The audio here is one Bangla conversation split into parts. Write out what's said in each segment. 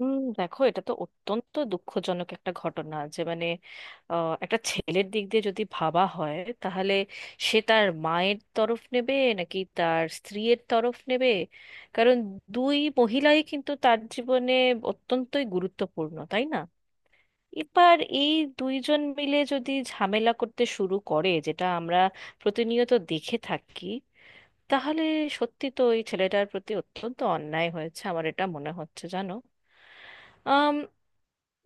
হুম, দেখো, এটা তো অত্যন্ত দুঃখজনক একটা ঘটনা যে মানে একটা ছেলের দিক দিয়ে যদি ভাবা হয়, তাহলে সে তার মায়ের তরফ নেবে নাকি তার স্ত্রীর তরফ নেবে? কারণ দুই মহিলাই কিন্তু তার জীবনে অত্যন্তই গুরুত্বপূর্ণ, তাই না? এবার এই দুইজন মিলে যদি ঝামেলা করতে শুরু করে, যেটা আমরা প্রতিনিয়ত দেখে থাকি, তাহলে সত্যি তো এই ছেলেটার প্রতি অত্যন্ত অন্যায় হয়েছে, আমার এটা মনে হচ্ছে, জানো।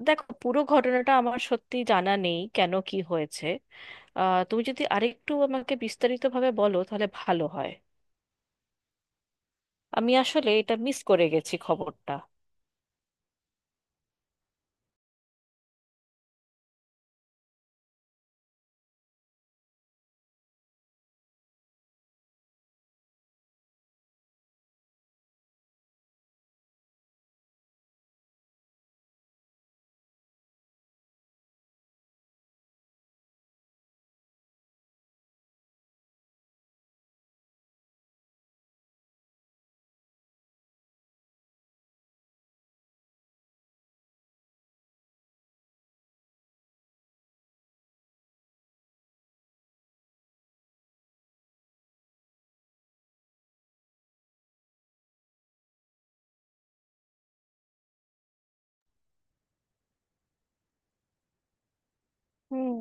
দেখো, পুরো ঘটনাটা আমার সত্যি জানা নেই কেন কি হয়েছে। তুমি যদি আরেকটু আমাকে বিস্তারিতভাবে বলো তাহলে ভালো হয়। আমি আসলে এটা মিস করে গেছি খবরটা। হুম।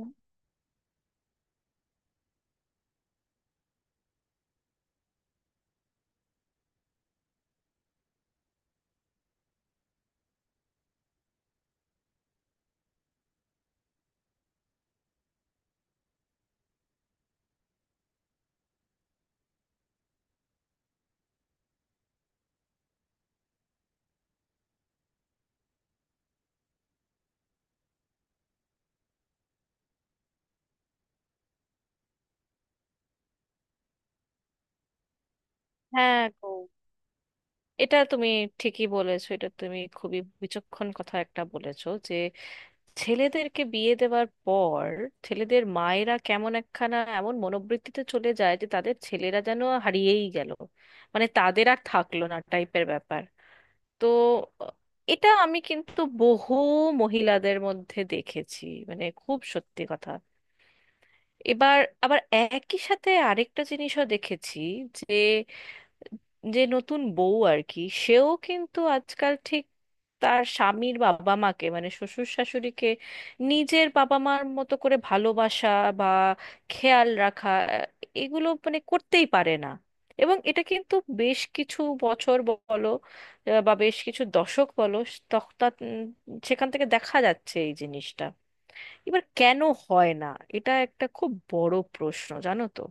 হ্যাঁ গো, এটা তুমি ঠিকই বলেছো, এটা তুমি খুবই বিচক্ষণ কথা একটা বলেছো যে ছেলেদেরকে বিয়ে দেওয়ার পর ছেলেদের মায়েরা কেমন একখানা এমন মনোবৃত্তিতে চলে যায় যে তাদের ছেলেরা যেন হারিয়েই গেল, মানে তাদের আর থাকলো না টাইপের ব্যাপার। তো আহ, এটা আমি কিন্তু বহু মহিলাদের মধ্যে দেখেছি, মানে খুব সত্যি কথা। এবার আবার একই সাথে আরেকটা জিনিসও দেখেছি যে যে নতুন বউ আর কি, সেও কিন্তু আজকাল ঠিক তার স্বামীর বাবা মাকে মানে শ্বশুর শাশুড়িকে নিজের বাবা মার মতো করে ভালোবাসা বা খেয়াল রাখা, আহ, এগুলো মানে করতেই পারে না। এবং এটা কিন্তু বেশ কিছু বছর বলো, বা বেশ কিছু দশক বলো, তখ- তা- উম, সেখান থেকে দেখা যাচ্ছে এই জিনিসটা। এবার কেন হয় না, এটা একটা খুব বড় প্রশ্ন, জানো তো।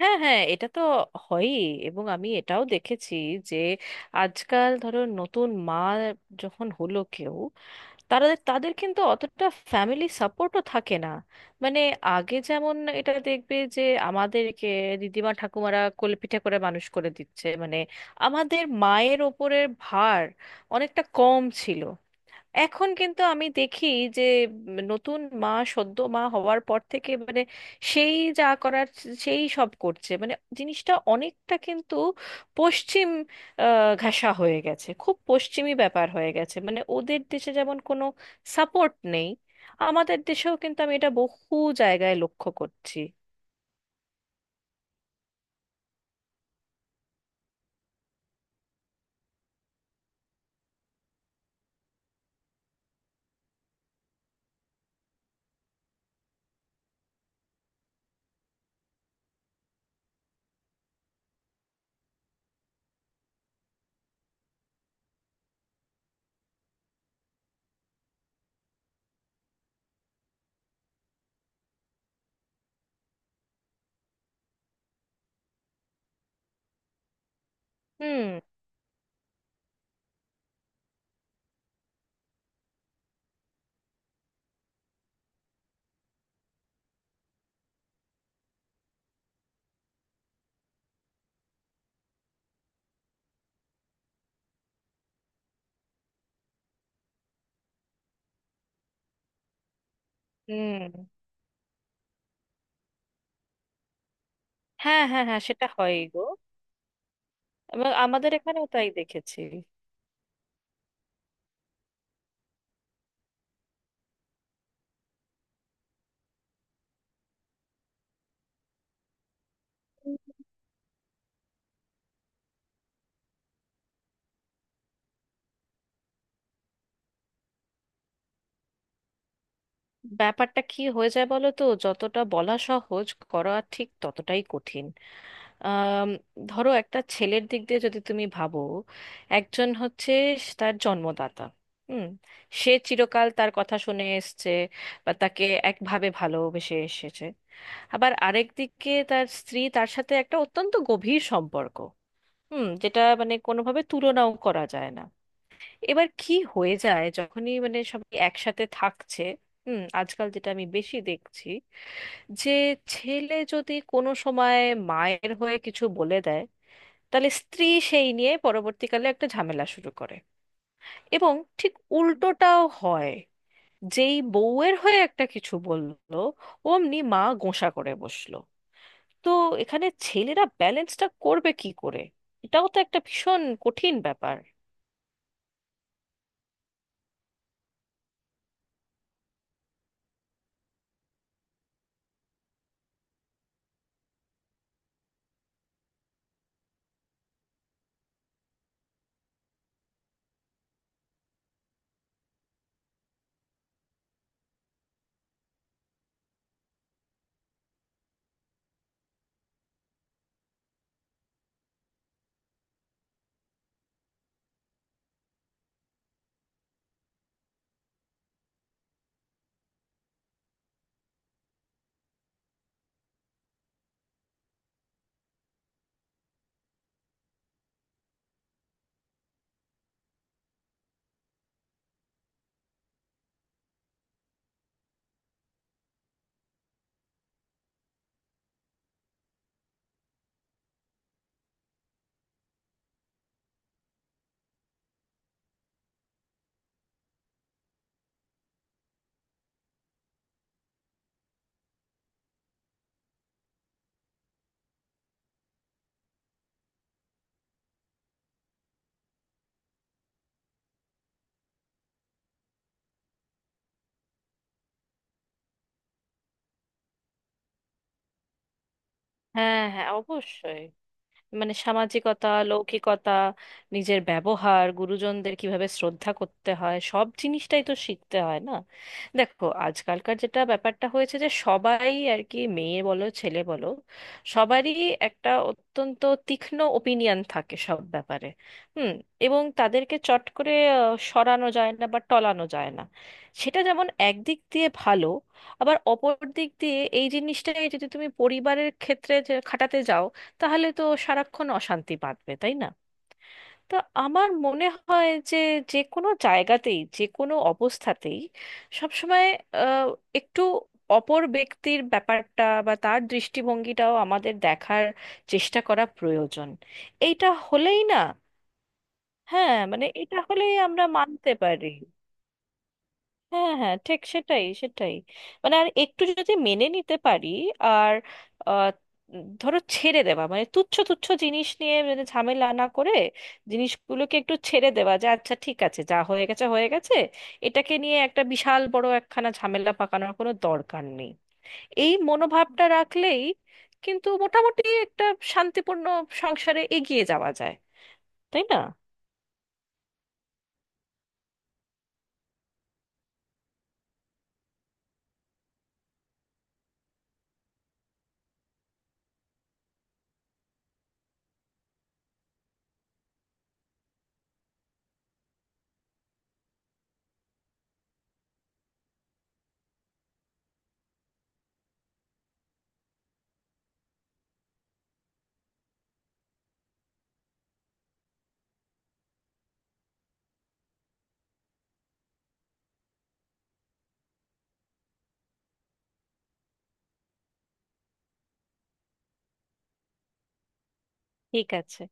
হ্যাঁ হ্যাঁ, এটা তো হয়ই। এবং আমি এটাও দেখেছি যে আজকাল ধরো নতুন মা যখন হলো কেউ, তারা তাদের কিন্তু অতটা ফ্যামিলি সাপোর্টও থাকে না। মানে আগে যেমন এটা দেখবে যে আমাদেরকে দিদিমা ঠাকুমারা কোলেপিঠে করে মানুষ করে দিচ্ছে, মানে আমাদের মায়ের ওপরের ভার অনেকটা কম ছিল। এখন কিন্তু আমি দেখি যে নতুন মা সদ্য মা হওয়ার পর থেকে মানে সেই যা করার সেই সব করছে। মানে জিনিসটা অনেকটা কিন্তু পশ্চিম ঘেঁষা হয়ে গেছে, খুব পশ্চিমী ব্যাপার হয়ে গেছে। মানে ওদের দেশে যেমন কোনো সাপোর্ট নেই, আমাদের দেশেও কিন্তু আমি এটা বহু জায়গায় লক্ষ্য করছি। হুম। হুম। হ্যাঁ হ্যাঁ হ্যাঁ, সেটা হয় গো। এবং আমাদের এখানেও তাই দেখেছি। ব্যাপারটা কি হয়ে যায় বলো তো, যতটা বলা সহজ করা ঠিক ততটাই কঠিন। আম, ধরো একটা ছেলের দিক দিয়ে যদি তুমি ভাবো, একজন হচ্ছে তার জন্মদাতা। হুম। সে চিরকাল তার কথা শুনে এসছে বা তাকে একভাবে ভালোবেসে এসেছে। আবার আরেক দিকে তার স্ত্রী, তার সাথে একটা অত্যন্ত গভীর সম্পর্ক। হুম। যেটা মানে কোনোভাবে তুলনাও করা যায় না। এবার কি হয়ে যায় যখনই মানে সবাই একসাথে থাকছে। হুম। আজকাল যেটা আমি বেশি দেখছি যে ছেলে যদি কোনো সময় মায়ের হয়ে কিছু বলে দেয়, তাহলে স্ত্রী সেই নিয়ে পরবর্তীকালে একটা ঝামেলা শুরু করে। এবং ঠিক উল্টোটাও হয়, যেই বউয়ের হয়ে একটা কিছু বললো, অমনি মা গোঁসা করে বসলো। তো এখানে ছেলেরা ব্যালেন্সটা করবে কি করে, এটাও তো একটা ভীষণ কঠিন ব্যাপার। হ্যাঁ হ্যাঁ, অবশ্যই। মানে সামাজিকতা, লৌকিকতা, নিজের ব্যবহার, গুরুজনদের কিভাবে শ্রদ্ধা করতে হয়, সব জিনিসটাই তো শিখতে হয় না? দেখো, আজকালকার যেটা ব্যাপারটা হয়েছে, যে সবাই আর কি মেয়ে বলো ছেলে বলো, সবারই একটা অত্যন্ত তীক্ষ্ণ ওপিনিয়ন থাকে সব ব্যাপারে। হুম। এবং তাদেরকে চট করে সরানো যায় না বা টলানো যায় না। সেটা যেমন একদিক দিয়ে ভালো, আবার অপর দিক দিয়ে এই জিনিসটাই যদি তুমি পরিবারের ক্ষেত্রে যে খাটাতে যাও, তাহলে তো সারাক্ষণ অশান্তি বাঁধবে, তাই না? তা আমার মনে হয় যে যে কোনো জায়গাতেই, যে কোনো অবস্থাতেই, সবসময় আহ, একটু অপর ব্যক্তির ব্যাপারটা বা তার দৃষ্টিভঙ্গিটাও আমাদের দেখার চেষ্টা করা প্রয়োজন। এইটা হলেই না। হ্যাঁ, মানে এটা হলেই আমরা মানতে পারি। হ্যাঁ হ্যাঁ, ঠিক সেটাই, সেটাই। মানে আর একটু যদি মেনে নিতে পারি, আর আহ, ধরো ছেড়ে দেওয়া, মানে তুচ্ছ তুচ্ছ জিনিস নিয়ে মানে ঝামেলা না করে জিনিসগুলোকে একটু ছেড়ে দেওয়া, যে আচ্ছা ঠিক আছে, যা হয়ে গেছে হয়ে গেছে, এটাকে নিয়ে একটা বিশাল বড় একখানা ঝামেলা পাকানোর কোনো দরকার নেই। এই মনোভাবটা রাখলেই কিন্তু মোটামুটি একটা শান্তিপূর্ণ সংসারে এগিয়ে যাওয়া যায়, তাই না? ঠিক আছে।